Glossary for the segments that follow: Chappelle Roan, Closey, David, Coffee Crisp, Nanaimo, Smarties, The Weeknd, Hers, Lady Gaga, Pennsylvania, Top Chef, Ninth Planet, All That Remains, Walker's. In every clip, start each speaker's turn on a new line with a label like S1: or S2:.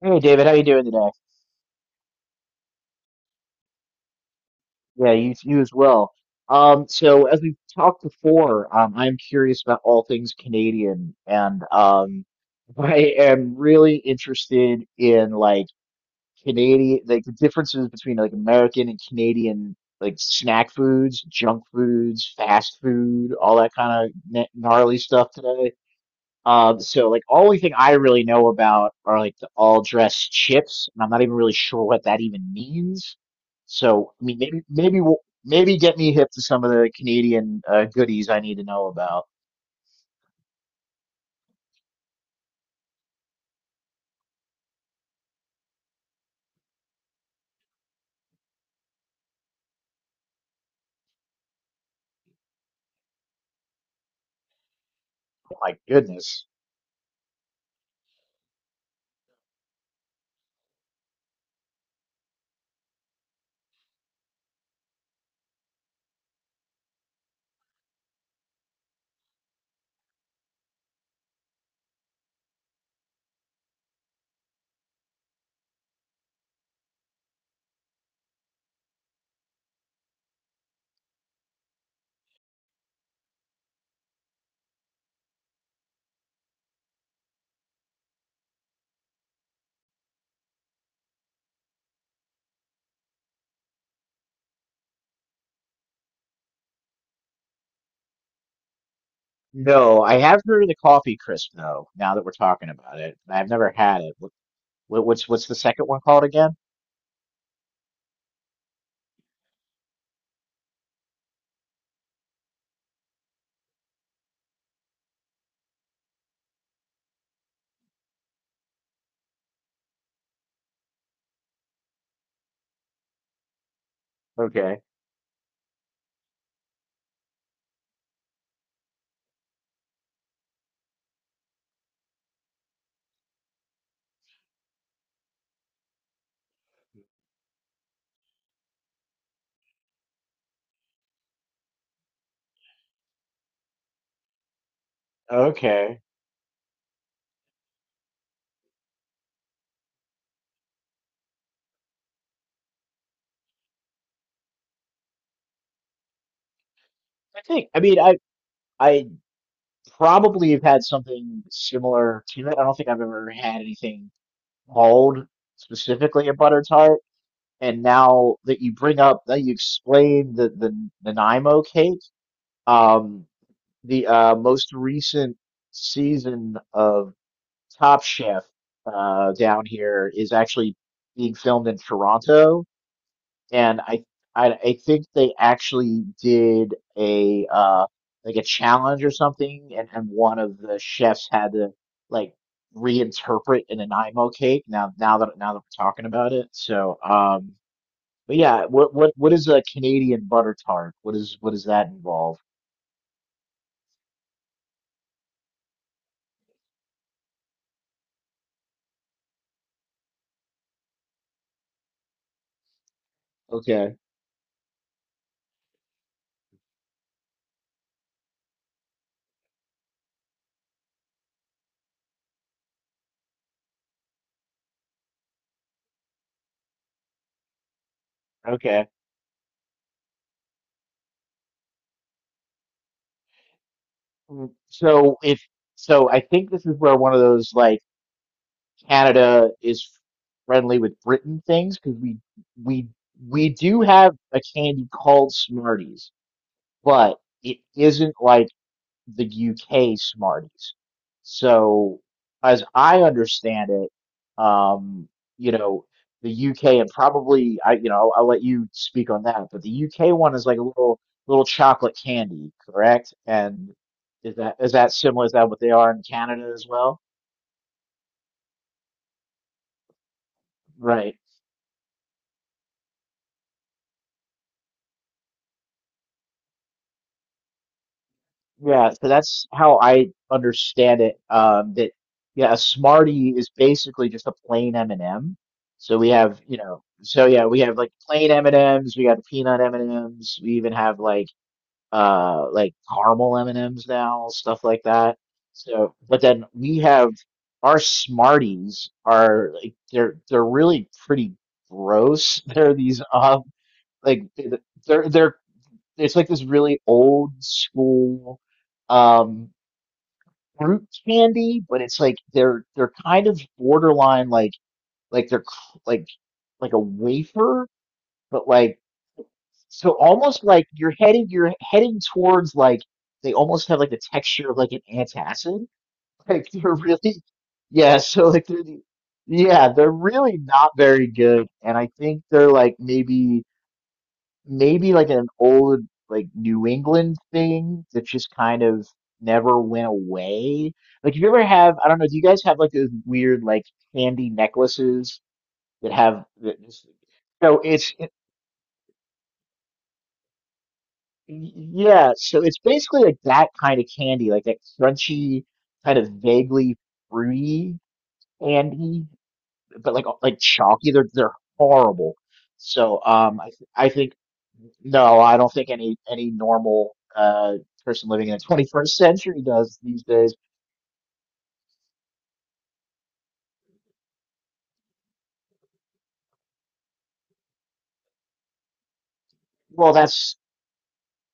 S1: Hey David, how you doing today? Yeah, you as well. So as we've talked before, I'm curious about all things Canadian, and I am really interested in like Canadian, like the differences between like American and Canadian, like snack foods, junk foods, fast food, all that kind of gnarly stuff today. So like only thing I really know about are like the all dressed chips, and I'm not even really sure what that even means. So I mean, maybe we'll, maybe get me hip to some of the Canadian goodies I need to know about. Oh my goodness. No, I have heard of the coffee crisp though. Now that we're talking about it, I've never had it. What's what's the second one called again? Okay, okay. I think I mean I probably have had something similar to it. I don't think I've ever had anything called specifically a butter tart, and now that you bring up that you explain the Nanaimo cake, um, the most recent season of Top Chef down here is actually being filmed in Toronto, and I think they actually did a like a challenge or something, and one of the chefs had to like reinterpret an Nanaimo cake. Now that we're talking about it, but yeah, what what is a Canadian butter tart? What is what does that involve? Okay, okay. Mm. So if so, I think this is where one of those like Canada is friendly with Britain things because we we do have a candy called Smarties, but it isn't like the UK Smarties. So, as I understand it, um, you know, the UK and probably I, you know, I'll let you speak on that, but the UK one is like a little chocolate candy, correct? And is that similar? Is that what they are in Canada as well? Right. Yeah, so that's how I understand it. That yeah, a Smartie is basically just a plain M&M. So we have, you know, so yeah, we have like plain M&Ms, we got peanut M&Ms, we even have like caramel M&Ms now, stuff like that. So, but then we have our Smarties are like they're really pretty gross. They're these like they're it's like this really old school um fruit candy, but it's like they're kind of borderline like they're like a wafer, but like so almost like you're heading towards like they almost have like the texture of like an antacid. Like they're really yeah, so like yeah, they're really not very good, and I think they're like maybe like an old like New England thing that just kind of never went away. Like, if you ever have, I don't know, do you guys have like those weird like candy necklaces that have that just- so it's it- yeah, so it's basically like that kind of candy, like that crunchy, kind of vaguely fruity candy, but like chalky. They're horrible. I think no, I don't think any normal person living in the 21st century does these days. Well, that's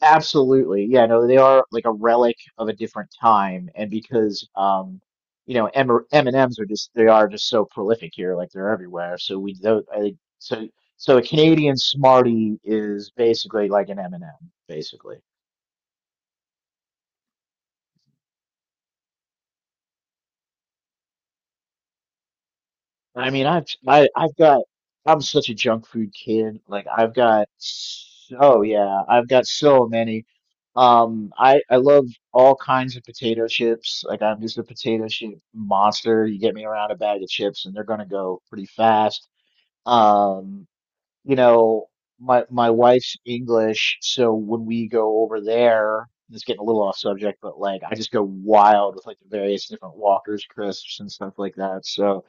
S1: absolutely, yeah, no, they are like a relic of a different time, and because you know, M and ms are just they are just so prolific here, like they're everywhere. So we don't, I think so a Canadian Smartie is basically like an M&M, basically. I mean, I've got I'm such a junk food kid. Like I've got oh yeah, I've got so many. I love all kinds of potato chips. Like I'm just a potato chip monster. You get me around a bag of chips and they're gonna go pretty fast. Um, you know, my wife's English, so when we go over there, it's getting a little off subject, but like I just go wild with like the various different Walker's crisps and stuff like that. So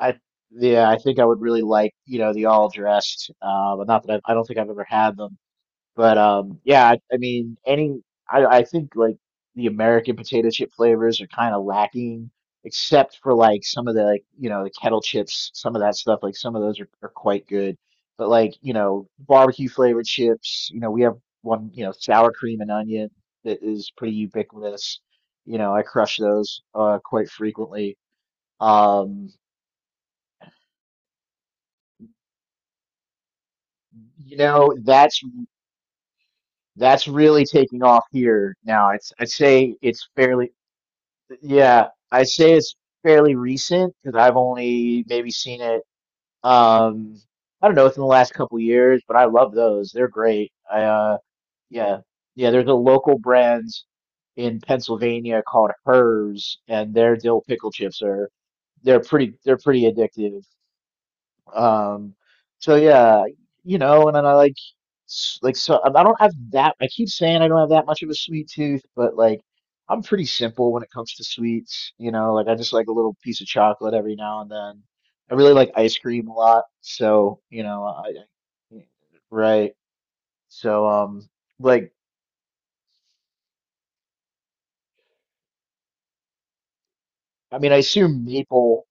S1: I yeah, I think I would really like, you know, the all dressed. But not that I don't think I've ever had them. But yeah, any I think like the American potato chip flavors are kind of lacking, except for like some of the like you know the kettle chips, some of that stuff. Like some of those are quite good. But like you know barbecue flavored chips, you know we have one you know sour cream and onion that is pretty ubiquitous. You know I crush those quite frequently. Um, You know, that's really taking off here now. It's I'd say it's fairly yeah, I say it's fairly recent because I've only maybe seen it um I don't know within the last couple of years, but I love those. They're great. I yeah. Yeah, there's a local brand in Pennsylvania called Hers and their dill pickle chips are they're pretty addictive. Um, so yeah, you know, and then I like, so I don't have that. I keep saying I don't have that much of a sweet tooth, but like, I'm pretty simple when it comes to sweets. You know, like I just like a little piece of chocolate every now and then. I really like ice cream a lot, so you know, I right. So like, I mean, I assume maple.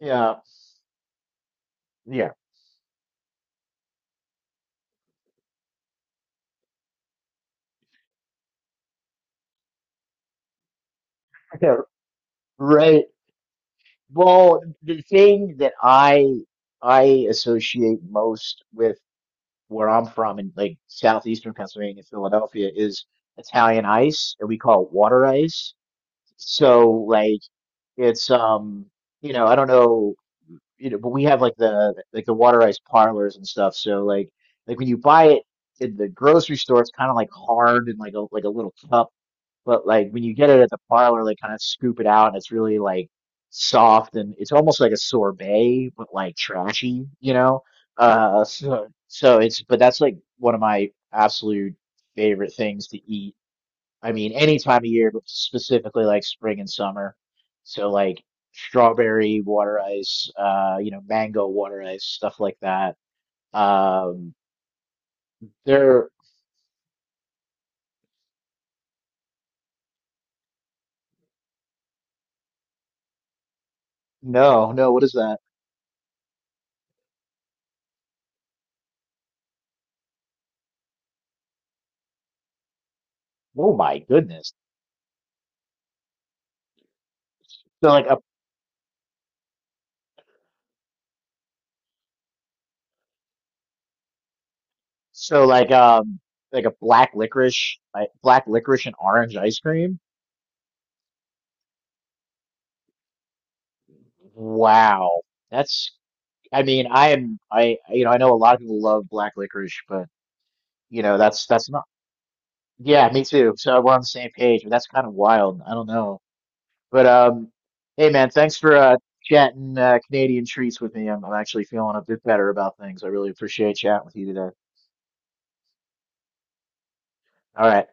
S1: Yeah, yeah, yeah, right. Well, the thing that I associate most with where I'm from in like southeastern Pennsylvania, Philadelphia, is Italian ice, and we call it water ice. So like it's you know I don't know you know but we have like the water ice parlors and stuff. So like when you buy it in the grocery store, it's kind of like hard and like a little cup but like when you get it at the parlor, they kind of scoop it out and it's really like soft and it's almost like a sorbet, but like trashy, you know? So it's, but that's like one of my absolute favorite things to eat. I mean, any time of year, but specifically like spring and summer. So like strawberry water ice, you know, mango water ice, stuff like that. Um, there, no, no, what is that? Oh my goodness. So like a So like a black licorice like black licorice and orange ice cream. Wow. That's I mean, I am I you know, I know a lot of people love black licorice, but you know, that's not yeah, me too. So we're on the same page, but that's kind of wild. I don't know. But hey man, thanks for chatting Canadian treats with me. I'm actually feeling a bit better about things. I really appreciate chatting with you today. All right.